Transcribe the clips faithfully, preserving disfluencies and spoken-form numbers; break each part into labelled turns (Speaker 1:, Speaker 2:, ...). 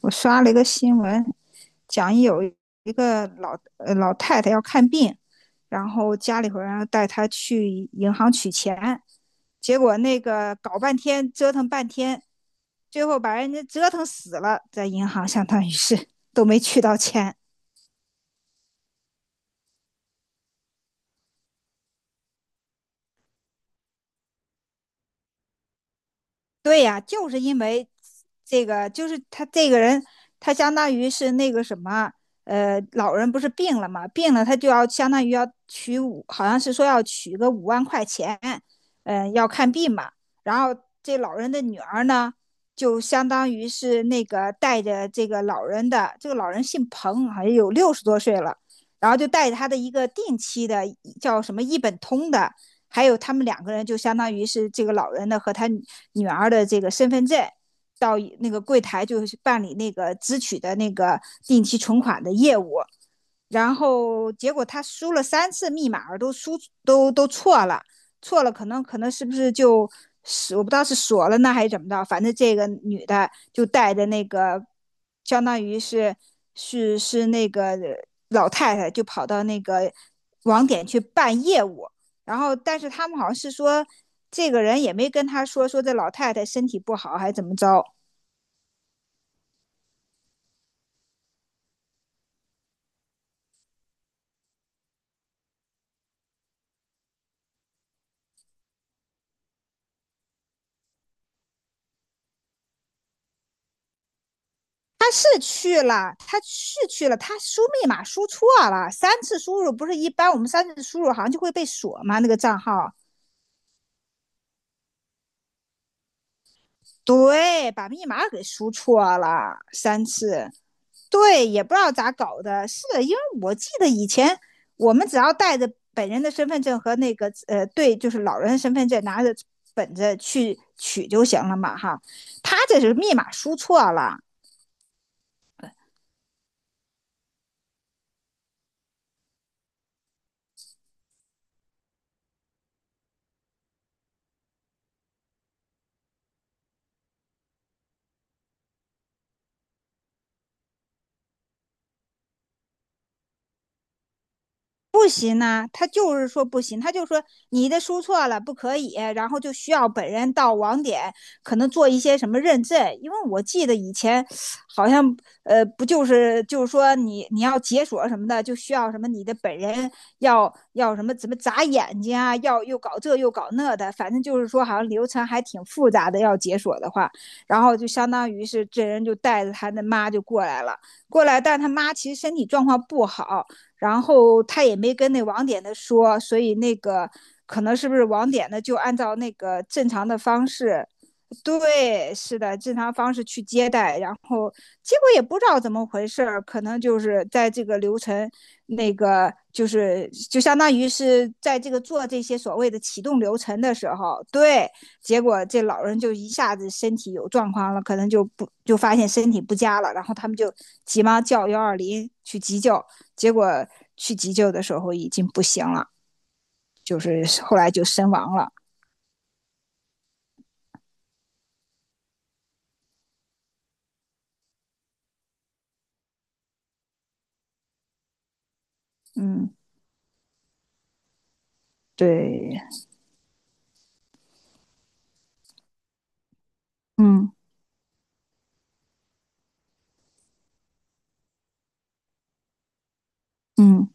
Speaker 1: 我刷了一个新闻，讲有一个老呃老太太要看病，然后家里头人带她去银行取钱，结果那个搞半天折腾半天，最后把人家折腾死了，在银行相当于是都没取到钱。对呀，就是因为这个，就是他这个人，他相当于是那个什么，呃，老人不是病了嘛，病了他就要相当于要取五，好像是说要取个五万块钱，嗯、要看病嘛。然后这老人的女儿呢，就相当于是那个带着这个老人的，这个老人姓彭，好像有六十多岁了，然后就带着他的一个定期的叫什么一本通的，还有他们两个人就相当于是这个老人的和他女儿的这个身份证，到那个柜台就是办理那个支取的那个定期存款的业务。然后结果他输了三次密码都输都都错了，错了可能可能是不是就是我不知道是锁了呢还是怎么着，反正这个女的就带着那个相当于是是是那个老太太就跑到那个网点去办业务，然后但是他们好像是说这个人也没跟他说说这老太太身体不好还怎么着，他是去了，他是去了，他输密码输错了，三次输入不是一般我们三次输入好像就会被锁吗？那个账号，对，把密码给输错了三次，对，也不知道咋搞的，是因为我记得以前我们只要带着本人的身份证和那个呃，对，就是老人身份证拿着本子去取就行了嘛，哈，他这是密码输错了，不行呐、他就是说不行，他就说你的输错了，不可以，然后就需要本人到网点，可能做一些什么认证，因为我记得以前好像呃，不就是就是说你你要解锁什么的，就需要什么你的本人要要什么怎么眨眼睛啊，要又搞这又搞那的，反正就是说好像流程还挺复杂的，要解锁的话，然后就相当于是这人就带着他的妈就过来了，过来，但他妈其实身体状况不好。然后他也没跟那网点的说，所以那个可能是不是网点的就按照那个正常的方式，对，是的，正常方式去接待，然后结果也不知道怎么回事儿，可能就是在这个流程那个就是就相当于是在这个做这些所谓的启动流程的时候，对，结果这老人就一下子身体有状况了，可能就不就发现身体不佳了，然后他们就急忙叫幺二零去急救，结果去急救的时候已经不行了，就是后来就身亡了。嗯，对，嗯嗯，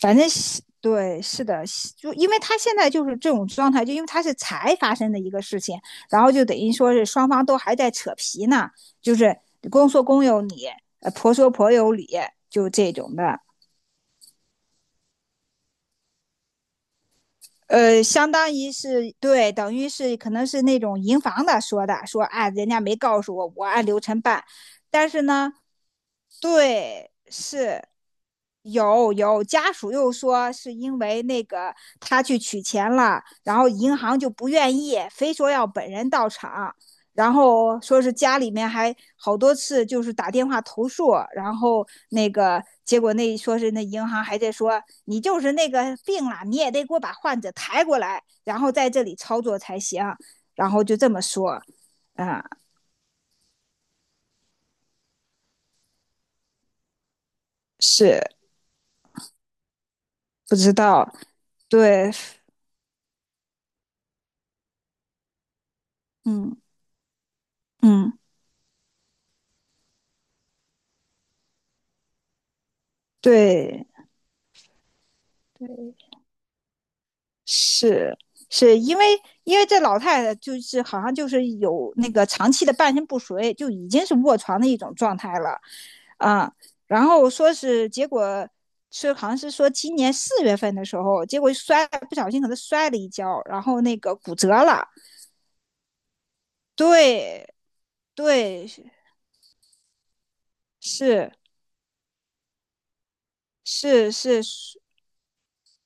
Speaker 1: 反正是对，是的，就因为他现在就是这种状态，就因为他是才发生的一个事情，然后就等于说是双方都还在扯皮呢，就是公说公有理，呃婆说婆有理，就这种的。呃，相当于是对，等于是可能是那种银行的说的，说啊，人家没告诉我，我按流程办。但是呢，对，是有有家属又说是因为那个他去取钱了，然后银行就不愿意，非说要本人到场。然后说是家里面还好多次就是打电话投诉，然后那个结果那说是那银行还在说你就是那个病了，你也得给我把患者抬过来，然后在这里操作才行，然后就这么说啊、嗯是不知道，对，嗯嗯，对对，是是因为因为这老太太就是好像就是有那个长期的半身不遂，就已经是卧床的一种状态了，啊、嗯然后说是结果是好像是说今年四月份的时候，结果摔不小心可能摔了一跤，然后那个骨折了，对对是是是是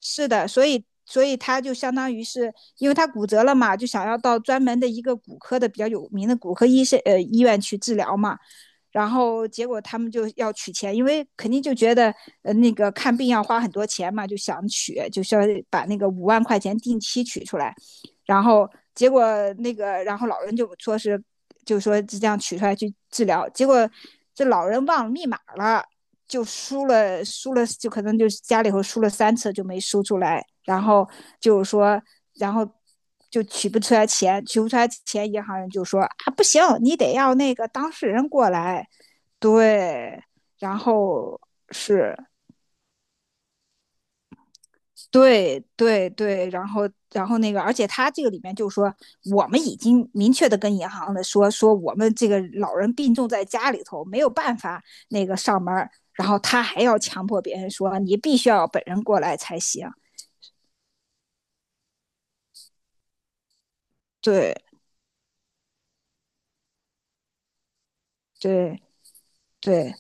Speaker 1: 是的，所以所以他就相当于是，因为他骨折了嘛，就想要到专门的一个骨科的比较有名的骨科医生呃医院去治疗嘛。然后结果他们就要取钱，因为肯定就觉得呃那个看病要花很多钱嘛，就想取，就需要把那个五万块钱定期取出来。然后结果那个，然后老人就说是，就说这样取出来去治疗，结果这老人忘了密码了，就输了，输了就可能就家里头输了三次就没输出来，然后就是说，然后就取不出来钱，取不出来钱，银行人就说啊不行，你得要那个当事人过来，对，然后是对对对，然后然后那个，而且他这个里面就说，我们已经明确的跟银行的说，说我们这个老人病重在家里头，没有办法那个上门儿，然后他还要强迫别人说，你必须要本人过来才行。对对对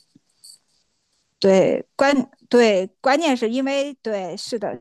Speaker 1: 对，关对关键是因为对是的，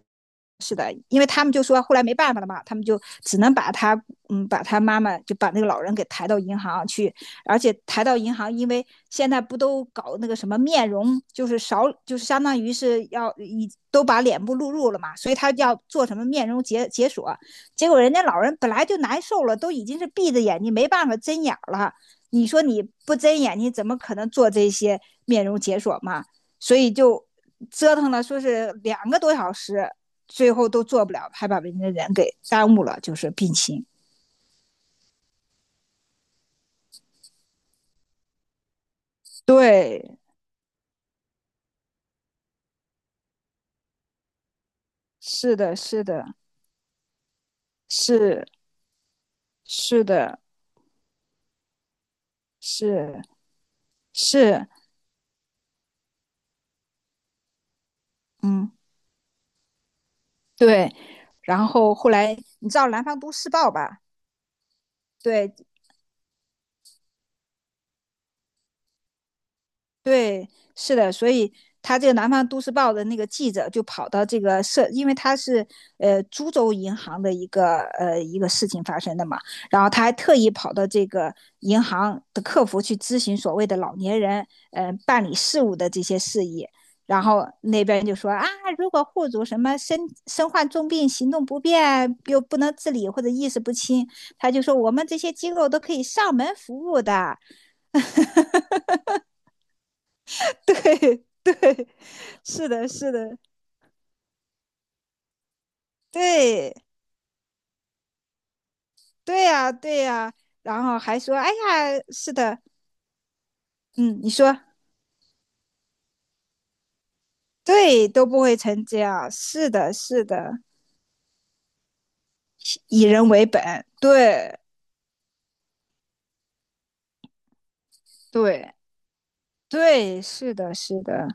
Speaker 1: 是的，因为他们就说后来没办法了嘛，他们就只能把他，嗯，把他妈妈就把那个老人给抬到银行去，而且抬到银行，因为现在不都搞那个什么面容，就是少，就是相当于是要以都把脸部录入了嘛，所以他要做什么面容解解锁，结果人家老人本来就难受了，都已经是闭着眼睛没办法睁眼了，你说你不睁眼，睛，怎么可能做这些面容解锁嘛？所以就折腾了，说是两个多小时，最后都做不了，还把人家人给耽误了，就是病情。对，是的，是的，是是的，是是，嗯，对。然后后来你知道《南方都市报》吧？对，对，是的，所以他这个《南方都市报》的那个记者就跑到这个社，因为他是呃株洲银行的一个呃一个事情发生的嘛，然后他还特意跑到这个银行的客服去咨询所谓的老年人呃办理事务的这些事宜，然后那边就说啊，如果户主什么身身患重病、行动不便又不能自理或者意识不清，他就说我们这些机构都可以上门服务的。对，是的，是的。对对呀，对呀，然后还说，哎呀，是的，嗯，你说对，都不会成这样，是的，是的，以人为本，对对对，是的，是的，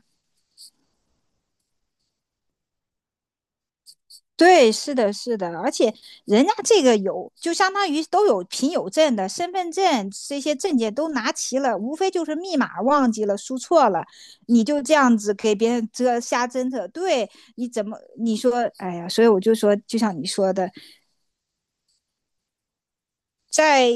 Speaker 1: 对，是的，是的，而且人家这个有，就相当于都有凭有证的，身份证这些证件都拿齐了，无非就是密码忘记了，输错了，你就这样子给别人遮瞎侦测，对，你怎么你说，哎呀，所以我就说，就像你说的。在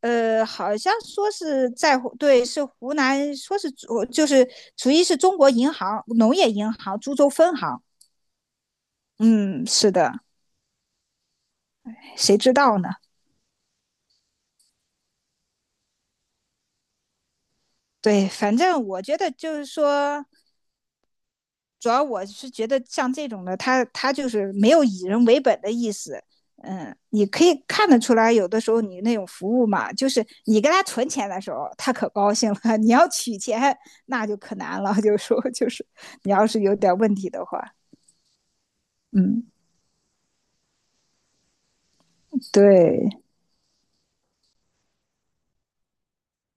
Speaker 1: 呃，好像说是在对，是湖南，说是主就是属于是中国银行农业银行株洲分行。嗯，是的，谁知道呢？对，反正我觉得就是说，主要我是觉得像这种的，他他就是没有以人为本的意思。嗯，你可以看得出来，有的时候你那种服务嘛，就是你给他存钱的时候，他可高兴了；你要取钱，那就可难了。就说就是，你要是有点问题的话，嗯，对，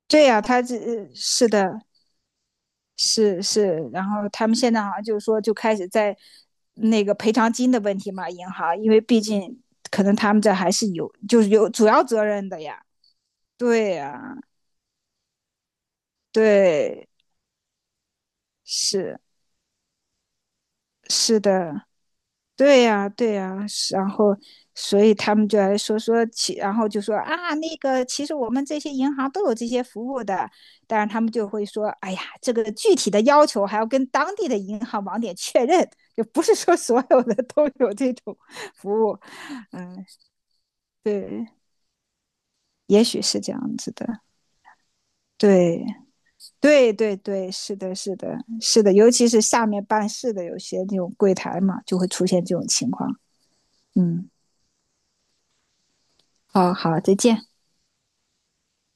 Speaker 1: 对呀、啊他这是的，是是，然后他们现在好像就是说就开始在那个赔偿金的问题嘛，银行，因为毕竟可能他们这还是有就是有主要责任的呀，对呀、对，是是的，对呀，对呀，是然后，所以他们就来说说其，然后就说啊，那个其实我们这些银行都有这些服务的，但是他们就会说，哎呀，这个具体的要求还要跟当地的银行网点确认，就不是说所有的都有这种服务。嗯，对，也许是这样子的。对，对，对，对，是的，是的，是的，尤其是下面办事的有些那种柜台嘛，就会出现这种情况。嗯，好好，再见。